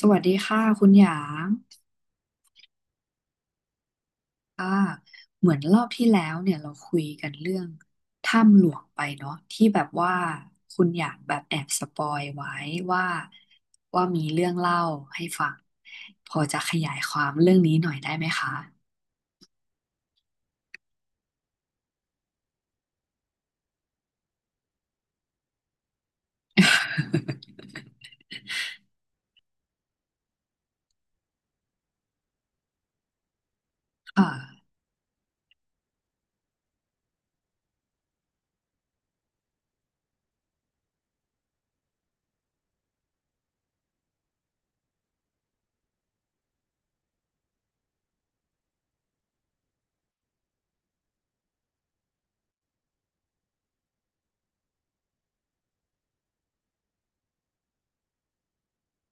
สวัสดีค่ะคุณหยางค่ะเหมือนรอบที่แล้วเนี่ยเราคุยกันเรื่องถ้ำหลวงไปเนาะที่แบบว่าคุณหยางแบบแอบสปอยไว้ว่ามีเรื่องเล่าให้ฟังพอจะขยายความเรื่องนี้หน่อยได้ไหมคะ ค่ะ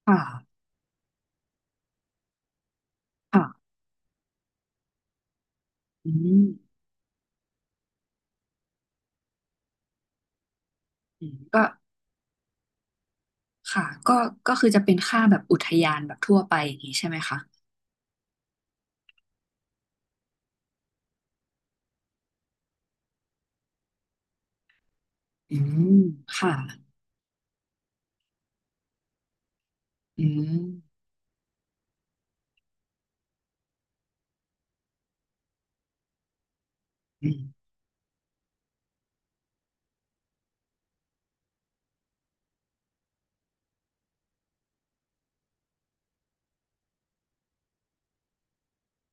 ค่ะค่ะอืมอืมค่ะก็ก็คือจะเป็นค่าแบบอุทยานแบบทั่วไปอย่างนี้ใช่ไหมคะอืมค่ะอืมอืม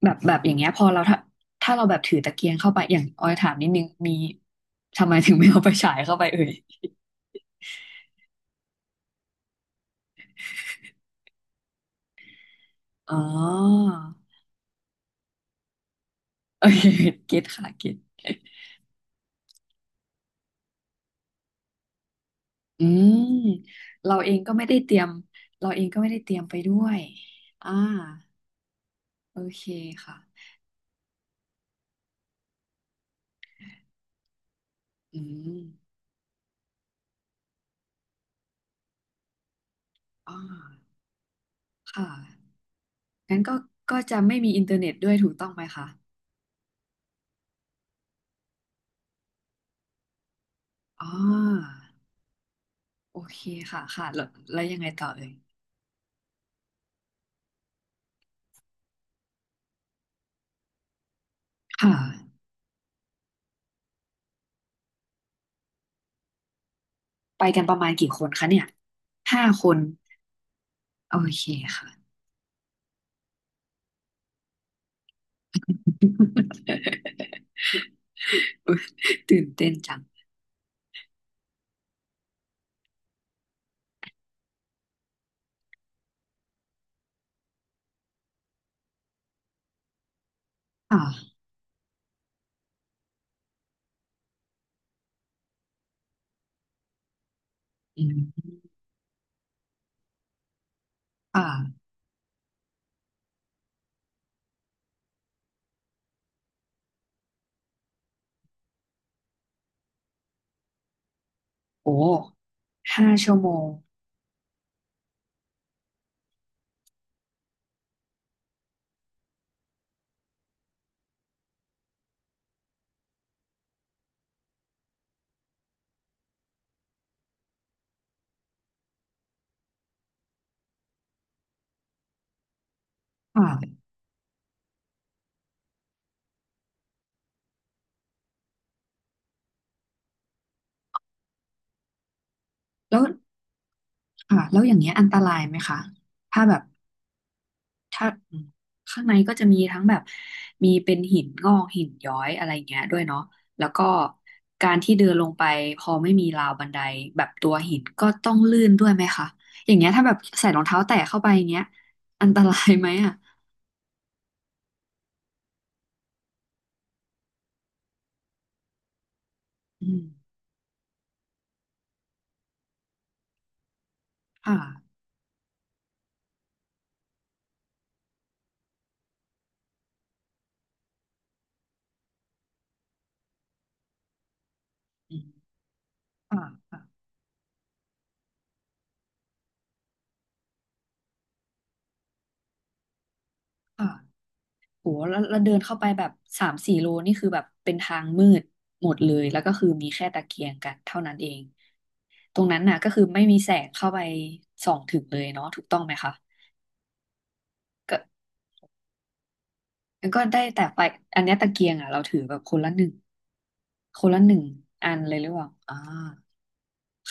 แบบอย่างเงี้ยพอเราถ้าเราแบบถือตะเกียงเข้าไปอย่างออยถามนิดนึงมีทำไมถึงไม่เอาไปฉายเข้าไปเอ่ยอ๋อ โอเคเก็ตค่ะเก็ตอืมเราเองก็ไม่ได้เตรียมเราเองก็ไม่ได้เตรียมไปด้วยอ่าโอเคค่ะอืมอ่าค่ะงั้นก็ก็จะไม่มีอินเทอร์เน็ตด้วยถูกต้องไหมคะอ๋อโอเคค่ะค่ะแล้วยังไงต่อเอ่ยค่ะ ไปกันประมาณกี่คนคะเนี่ย ห้าคน โอเคค่ะ อุ๊ยตื่นเต้นจัง อ่าอืมอ่า โอ้5 ชั่วโมงอ่า แล้ว อ่า แล้วอย่างเงี้ยอันตรายไหมคะ ถ้าแบบ ถ้าข้างในก็จะมีทั้งแบบมีเป็นหินงอกหินย้อยอะไรเงี้ยด้วยเนาะแล้วก็การที่เดินลงไปพอไม่มีราวบันไดแบบตัวหินก็ต้องลื่นด้วยไหมคะอย่างเงี้ยถ้าแบบใส่รองเท้าแตะเข้าไปอย่างเงี้ยอันตรายไหมอ่ะอืมค่ะอืมค่ะค่ะ โหแล้วเดินเข้าไปแบบ3-4 โลนี่คือแบบเป็นทางมืดหมดเลยแล้วก็คือมีแค่ตะเกียงกันเท่านั้นเองตรงนั้นน่ะก็คือไม่มีแสงเข้าไปส่องถึงเลยเนาะถูกต้องไหมคะก็ได้แต่ไฟอันเนี้ยตะเกียงอ่ะเราถือแบบคนละหนึ่งคนละหนึ่งอันเลยหรือเปล่าอ่า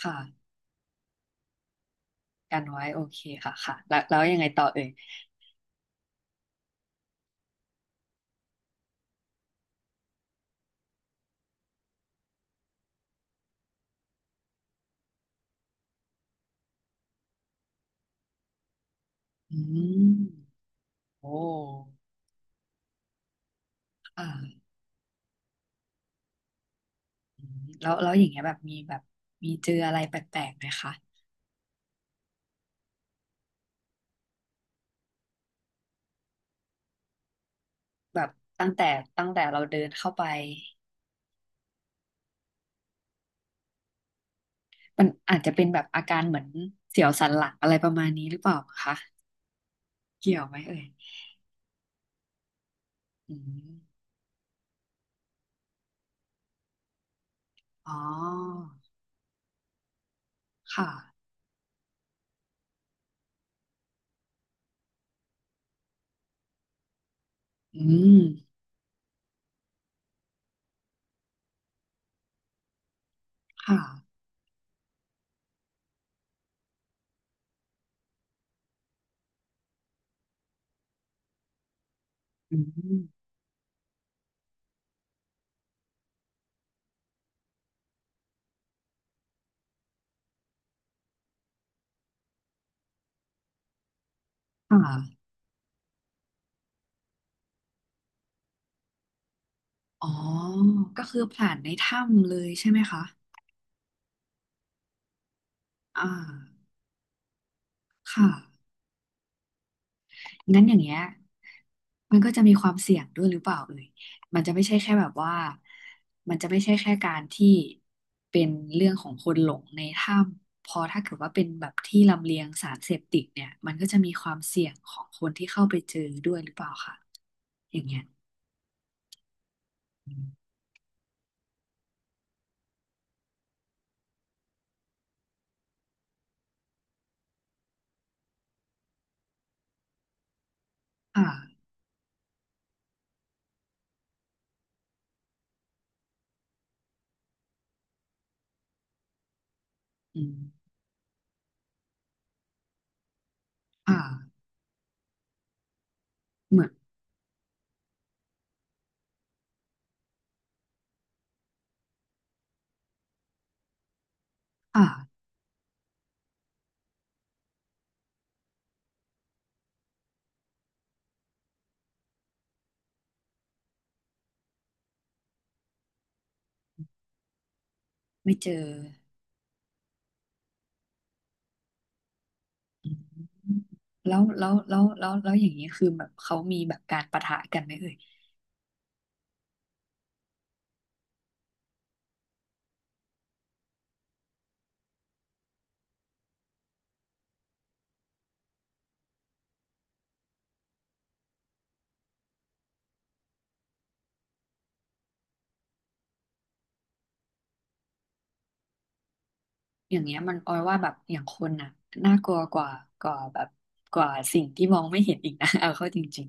ค่ะกันไว้โอเคค่ะค่ะแล้วยังไงต่อเอ่ยอืมโอ้ค่ะอืมแล้วอย่างเงี้ยแบบมีเจออะไรแปลกๆไหมคะ แบบตั้งแต่เราเดินเข้าไปมันอาจจะเป็นแบบอาการเหมือนเสียวสันหลังอะไรประมาณนี้หรือเปล่าคะเกี่ยวไหมเอ่ยอืมอ๋อค่ะอืมค่ะอืมค่ะอ๋อก็คือผ่านในถ้ำเลยใช่ไหมคะอ่าค่ะ งั้นอย่างเงี้ยมันก็จะมีความเสี่ยงด้วยหรือเปล่าเอ่ยมันจะไม่ใช่แค่แบบว่ามันจะไม่ใช่แค่การที่เป็นเรื่องของคนหลงในถ้ำพอถ้าเกิดว่าเป็นแบบที่ลำเลียงสารเสพติดเนี่ยมันก็จะมีความเสี่ยงของคนที่เข้าไปเจอด้วยหรือเปล่าค่ะอย่างเงี้ยอืมอ่าอืมอ่าเหมือนอ่าไม่เจออืมแล้วอย่างนี้คือแบบเขามีแบบการปะทะกันไหมเอ่ย อย่างเงี้ยมันออยว่าแบบอย่างคนน่ะน่ากลัวกว่ากว่าแบบสิ่งที่มองไม่เห็นอีกนะ เอาเข้าจริง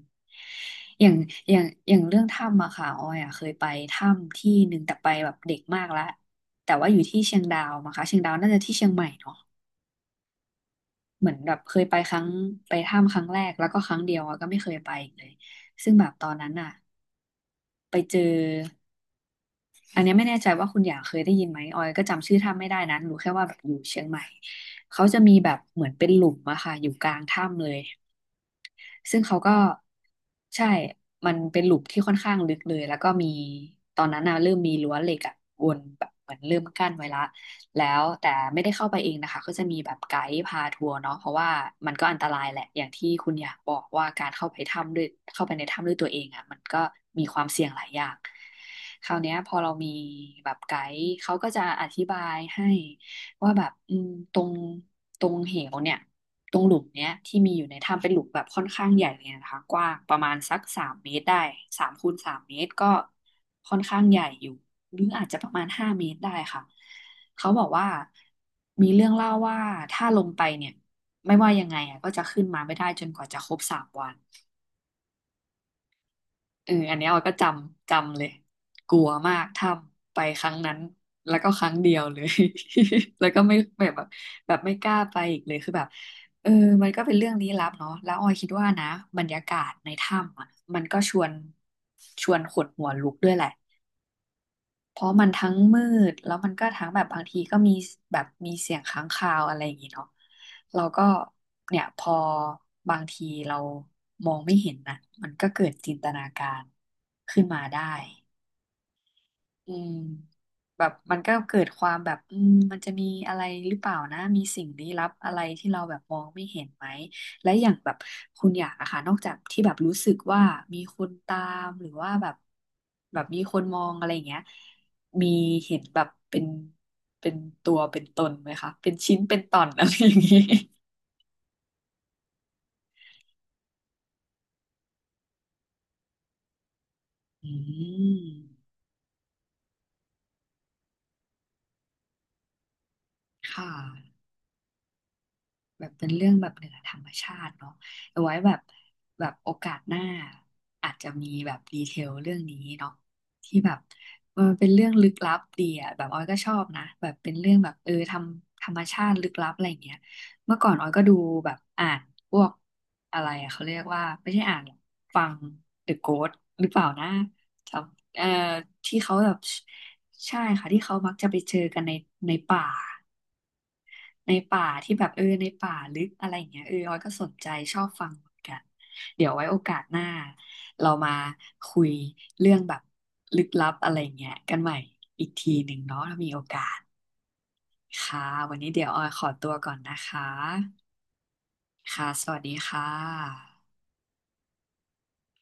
ๆอย่างเรื่องถ้ำอะค่ะออยอะเคยไปถ้ำที่หนึ่งแต่ไปแบบเด็กมากละแต่ว่าอยู่ที่เชียงดาวมั้งคะเชียงดาวน่าจะที่เชียงใหม่เนาะเหมือนแบบเคยไปครั้งไปถ้ำครั้งแรกแล้วก็ครั้งเดียวอะก็ไม่เคยไปอีกเลยซึ่งแบบตอนนั้นอะไปเจอ อันเนี้ยไม่แน่ใจว่าคุณอย่างเคยได้ยินไหมออยก็จำชื่อถ้ำไม่ได้นะรู้แค่ว่าแบบอยู่เชียงใหม่เขาจะมีแบบเหมือนเป็นหลุมอะค่ะอยู่กลางถ้ำเลย ซึ่งเขาก็ใช่มันเป็นหลุมที่ค่อนข้างลึกเลยแล้วก็มีตอนนั้นน่ะเริ่มมีรั้วเหล็กอะวนแบบเหมือนเริ่มกั้นไว้ละแล้วแต่ไม่ได้เข้าไปเองนะคะก็จะมีแบบไกด์พาทัวร์เนาะเพราะว่ามันก็อันตรายแหละอย่างที่คุณอยากบอกว่าการเข้าไปถ้ำด้วยเข้าไปในถ้ำด้วยตัวเองอ่ะมันก็มีความเสี่ยงหลายอย่างคราวเนี้ยพอเรามีแบบไกด์เขาก็จะอธิบายให้ ว่าแบบอืมตรงเหวเนี่ยตรงหลุมเนี้ยที่มีอยู่ในถ้ำเป็นหลุมแบบค่อนข้างใหญ่เลยนะคะกว้างประมาณสักสามเมตรได้3x3 เมตรก็ค่อนข้างใหญ่อยู่หรืออาจจะประมาณ5 เมตรได้ค่ะเขาบอกว่ามีเรื่องเล่าว่าถ้าลงไปเนี่ยไม่ว่ายังไงอ่ะก็จะขึ้นมาไม่ได้จนกว่าจะครบ3 วัน เอออันเนี้ยออยก็จำเลยกลัวมากถ้ำไปครั้งนั้นแล้วก็ครั้งเดียวเลย แล้วก็ไม่แบบไม่กล้าไปอีกเลยคือแบบเออมันก็เป็นเรื่องลี้ลับเนาะแล้วออยคิดว่านะบรรยากาศในถ้ำอ่ะมันก็ชวนขนหัวลุกด้วยแหละ เพราะมันทั้งมืดแล้วมันก็ทั้งแบบบางทีก็มีแบบมีเสียงค้างคาวอะไรอย่างงี้เนาะเราก็เนี่ยพอบางทีเรามองไม่เห็นนะมันก็เกิดจินตนาการขึ้นมาได้ อืมแบบมันก็เกิดความแบบอืมมันจะมีอะไรหรือเปล่านะมีสิ่งลี้ลับอะไรที่เราแบบมองไม่เห็นไหมและอย่างแบบคุณอยากอะค่ะนอกจากที่แบบรู้สึกว่ามีคนตามหรือว่าแบบมีคนมองอะไรอย่างเงี้ยมีเห็นแบบเป็นตัวเป็นตนไหมคะเป็นชิ้นเป็นตอน อะไรอย่างงี้อืมค่ะ แบบเป็นเรื่องแบบเหนือธรรมชาติเนาะเอาไว้แบบแบบโอกาสหน้าอาจจะมีแบบดีเทลเรื่องนี้เนาะที่แบบมันเป็นเรื่องลึกลับดีอ่ะแบบออยก็ชอบนะแบบเป็นเรื่องแบบทำธรรมชาติลึกลับอะไรอย่างเงี้ยเมื่อก่อนออยก็ดูแบบอ่านพวกอะไรอะเขาเรียกว่าไม่ใช่อ่านหรอกฟัง The Ghost หรือเปล่านะจำที่เขาแบบใช่ค่ะที่เขามักจะไปเจอกันในในป่า ในป่าที่แบบในป่าลึกอะไรอย่างเงี้ยออยก็สนใจชอบฟังเหมือนกันเดี๋ยวไว้โอกาสหน้าเรามาคุยเรื่องแบบลึกลับอะไรเงี้ยกันใหม่อีกทีหนึ่งเนาะถ้ามีโอกาสค่ะวันนี้เดี๋ยวออยขอตัวก่อนนะคะค่ะสวัสดีค่ะ